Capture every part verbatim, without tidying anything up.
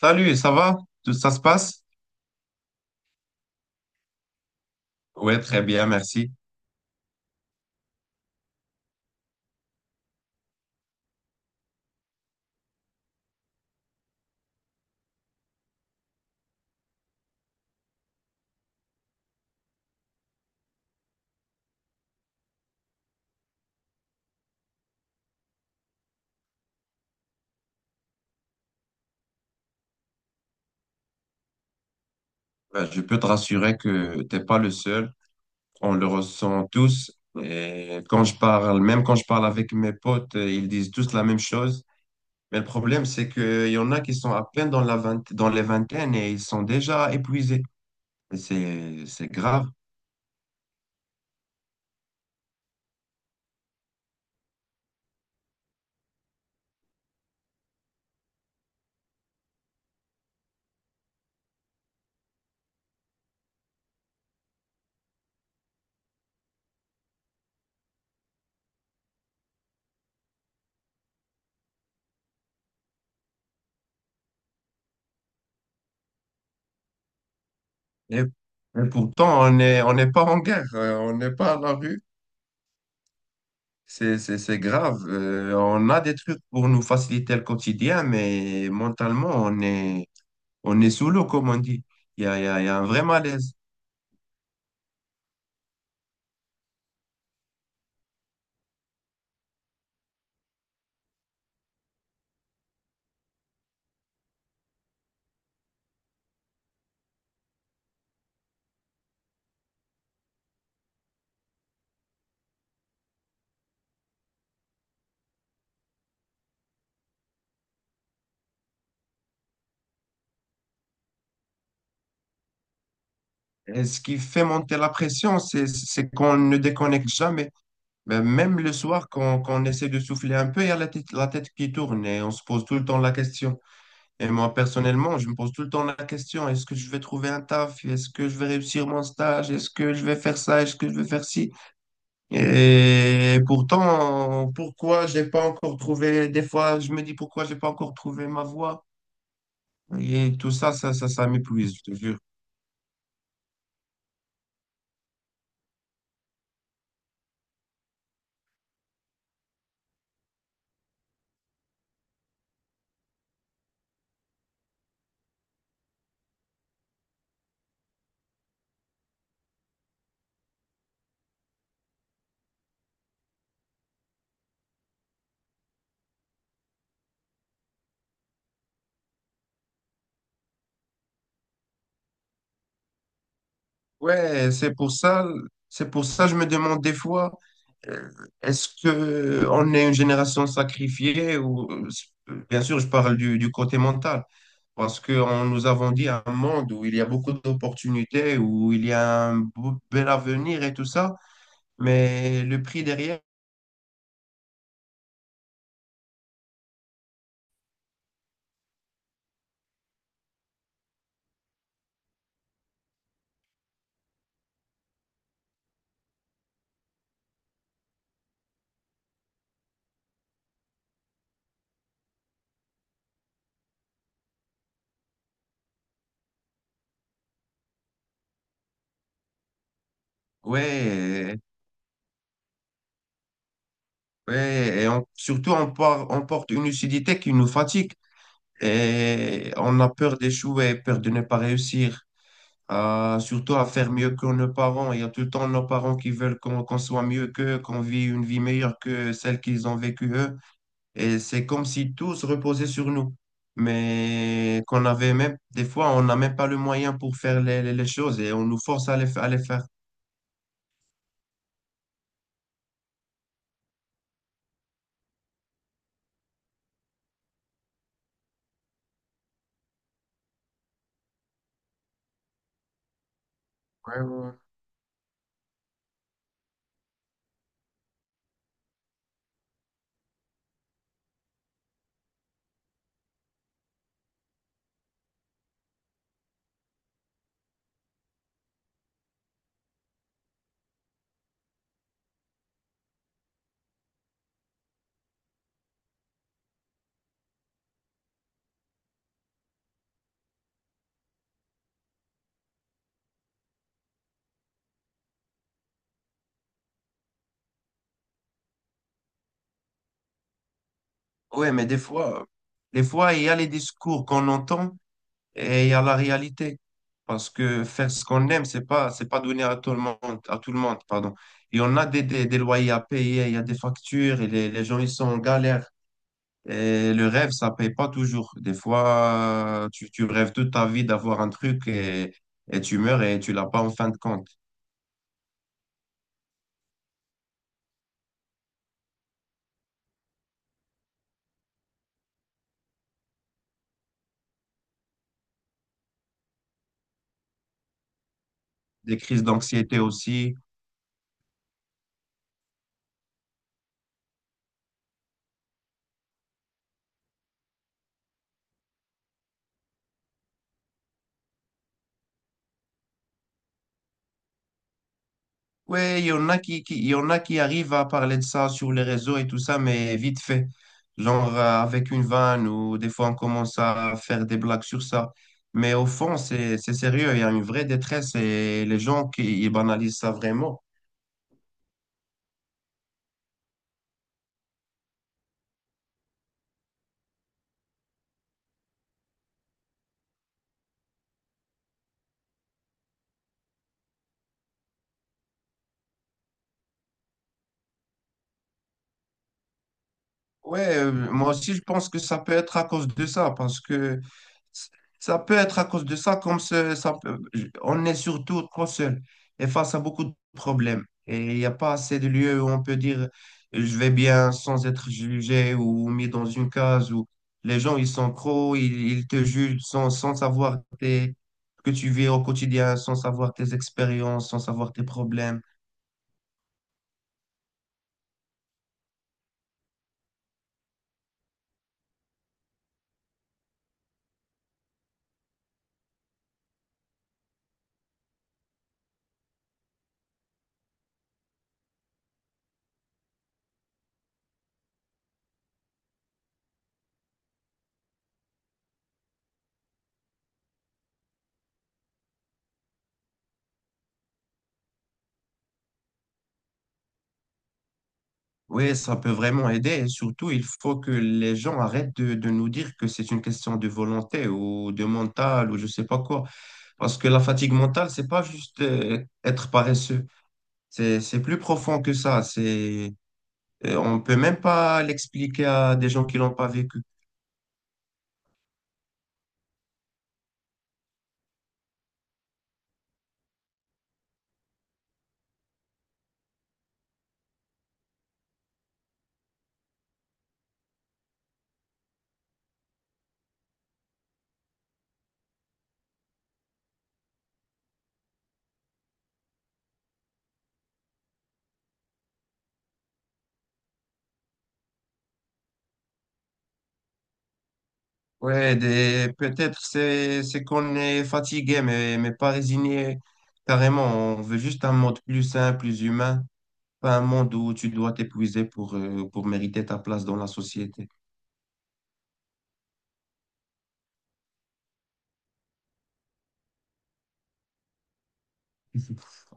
Salut, ça va? Tout ça se passe? Oui, très bien, merci. Ben, je peux te rassurer que t'es pas le seul. On le ressent tous. Et quand je parle, même quand je parle avec mes potes, euh, ils disent tous la même chose. Mais le problème, c'est qu'il y en a qui sont à peine dans la vingt- dans les vingtaines et ils sont déjà épuisés. Et C'est, c'est grave. Et, et pourtant, on est, on n'est pas en guerre, euh, on n'est pas à la rue. C'est, c'est, c'est grave. Euh, on a des trucs pour nous faciliter le quotidien, mais mentalement, on est, on est sous l'eau, comme on dit. Il y a, il y a- il y a un vrai malaise. Et ce qui fait monter la pression, c'est, c'est qu'on ne déconnecte jamais. Mais même le soir, quand, quand on essaie de souffler un peu, il y a la tête, la tête qui tourne et on se pose tout le temps la question. Et moi, personnellement, je me pose tout le temps la question, est-ce que je vais trouver un taf? Est-ce que je vais réussir mon stage? Est-ce que je vais faire ça? Est-ce que je vais faire ci? Et pourtant, pourquoi j'ai pas encore trouvé, des fois, je me dis pourquoi j'ai pas encore trouvé ma voie? Et tout ça, ça, ça, ça m'épuise, je te jure. Ouais, c'est pour ça, c'est pour ça que je me demande des fois, euh, est-ce que on est une génération sacrifiée ou, euh, bien sûr, je parle du, du côté mental, parce que on- nous avons dit un monde où il y a beaucoup d'opportunités, où il y a un beau- bel avenir et tout ça, mais le prix derrière, ouais, ouais, et on- surtout on, par- on porte une lucidité qui nous fatigue et on a peur d'échouer, peur de ne pas réussir. À- surtout à faire mieux que nos parents. Il y a tout le temps nos parents qui veulent qu'on qu'on soit mieux qu'eux, qu'on vive une vie meilleure que celle qu'ils ont vécue eux. Et c'est comme si tout se reposait sur nous. Mais qu'on avait même, des fois, on n'a même pas le moyen pour faire les, les- les choses et on nous force à les, fa- à les faire. Ouais, ouais, ouais. Ouais, mais des fois, des fois, il y a les discours qu'on entend, et il y a la réalité. Parce que faire ce qu'on aime, c'est pas, c'est pas donné à tout le monde, à tout le monde, pardon. Et on a des, des, des loyers à payer, il y a des factures, et les, les gens, ils sont en galère. Et le rêve, ça paye pas toujours. Des fois, tu, tu rêves toute ta vie d'avoir un truc et, et tu meurs et tu l'as pas en fin de compte. Des crises d'anxiété aussi. Ouais, il y en a qui, qui- il y en a qui arrivent à parler de ça sur les réseaux et tout ça, mais vite fait. Genre euh, avec une vanne ou des fois on commence à faire des blagues sur ça. Mais au fond, c'est, c'est sérieux, il y a une vraie détresse et les gens qui ils banalisent ça vraiment. Ouais, euh, moi aussi, je pense que ça peut être à cause de ça, parce que s- ça peut être à cause de ça, comme ce- ça, peut- je- on est surtout trop seul et face à beaucoup de problèmes. Et il n'y a pas assez de lieux où on peut dire euh, je vais bien sans être jugé ou mis dans une case où les gens, ils sont trop, ils, ils te jugent sans, sans savoir tes- que tu vis au quotidien, sans savoir tes expériences, sans savoir tes problèmes. Oui, ça peut vraiment aider et surtout, il faut que les gens arrêtent de, de nous dire que c'est une question de volonté ou de mental ou je sais pas quoi. Parce que la fatigue mentale, c'est pas juste euh, être paresseux. C'est, c'est plus profond que ça. C'est, euh, on peut même pas l'expliquer à des gens qui l'ont pas vécu. Ouais, des, peut-être c'est, c'est qu'on est fatigué, mais, mais pas résigné carrément. On veut juste un monde plus sain, plus humain, pas un monde où tu dois t'épuiser pour, euh, pour mériter ta place dans la société.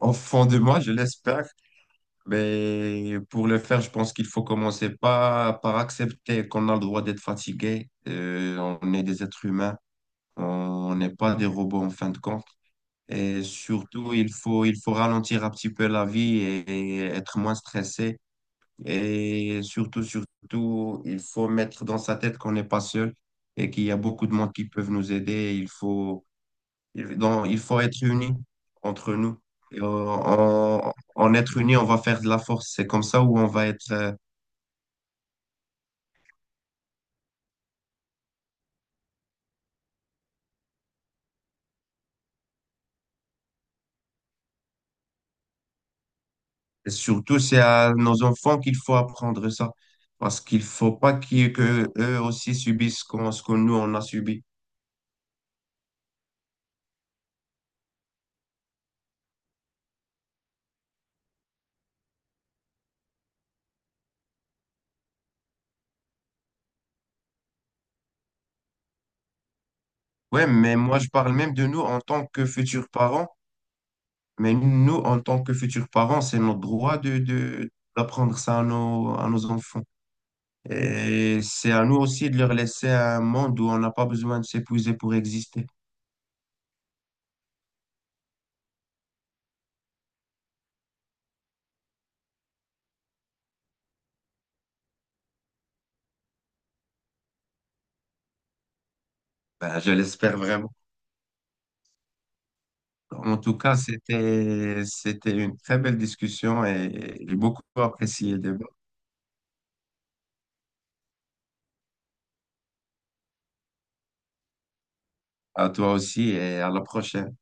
Au fond de moi, je l'espère, mais pour le faire, je pense qu'il faut commencer par, par accepter qu'on a le droit d'être fatigué. Euh, on est des êtres humains, on n'est pas des robots en fin de compte. Et surtout, il faut, il faut ralentir un petit peu la vie et, et être moins stressé. Et surtout, surtout, il faut mettre dans sa tête qu'on n'est pas seul et qu'il y a beaucoup de monde qui peuvent nous aider. Il faut il, donc, il faut être unis entre nous. Et euh, en, en être unis, on va faire de la force. C'est comme ça où on va être. euh, Et surtout, c'est à nos enfants qu'il faut apprendre ça. Parce qu'il faut pas qu'ils, que eux aussi subissent ce qu'on- ce que nous, on a subi. Ouais, mais moi, je parle même de nous en tant que futurs parents. Mais nous, en tant que futurs parents, c'est notre droit de, de, d'apprendre ça à nos, à nos enfants. Et c'est à nous aussi de leur laisser un monde où on n'a pas besoin de s'épuiser pour exister. Ben, je l'espère vraiment. En tout cas, c'était, c'était une très belle discussion et j'ai beaucoup apprécié le débat. À toi aussi et à la prochaine.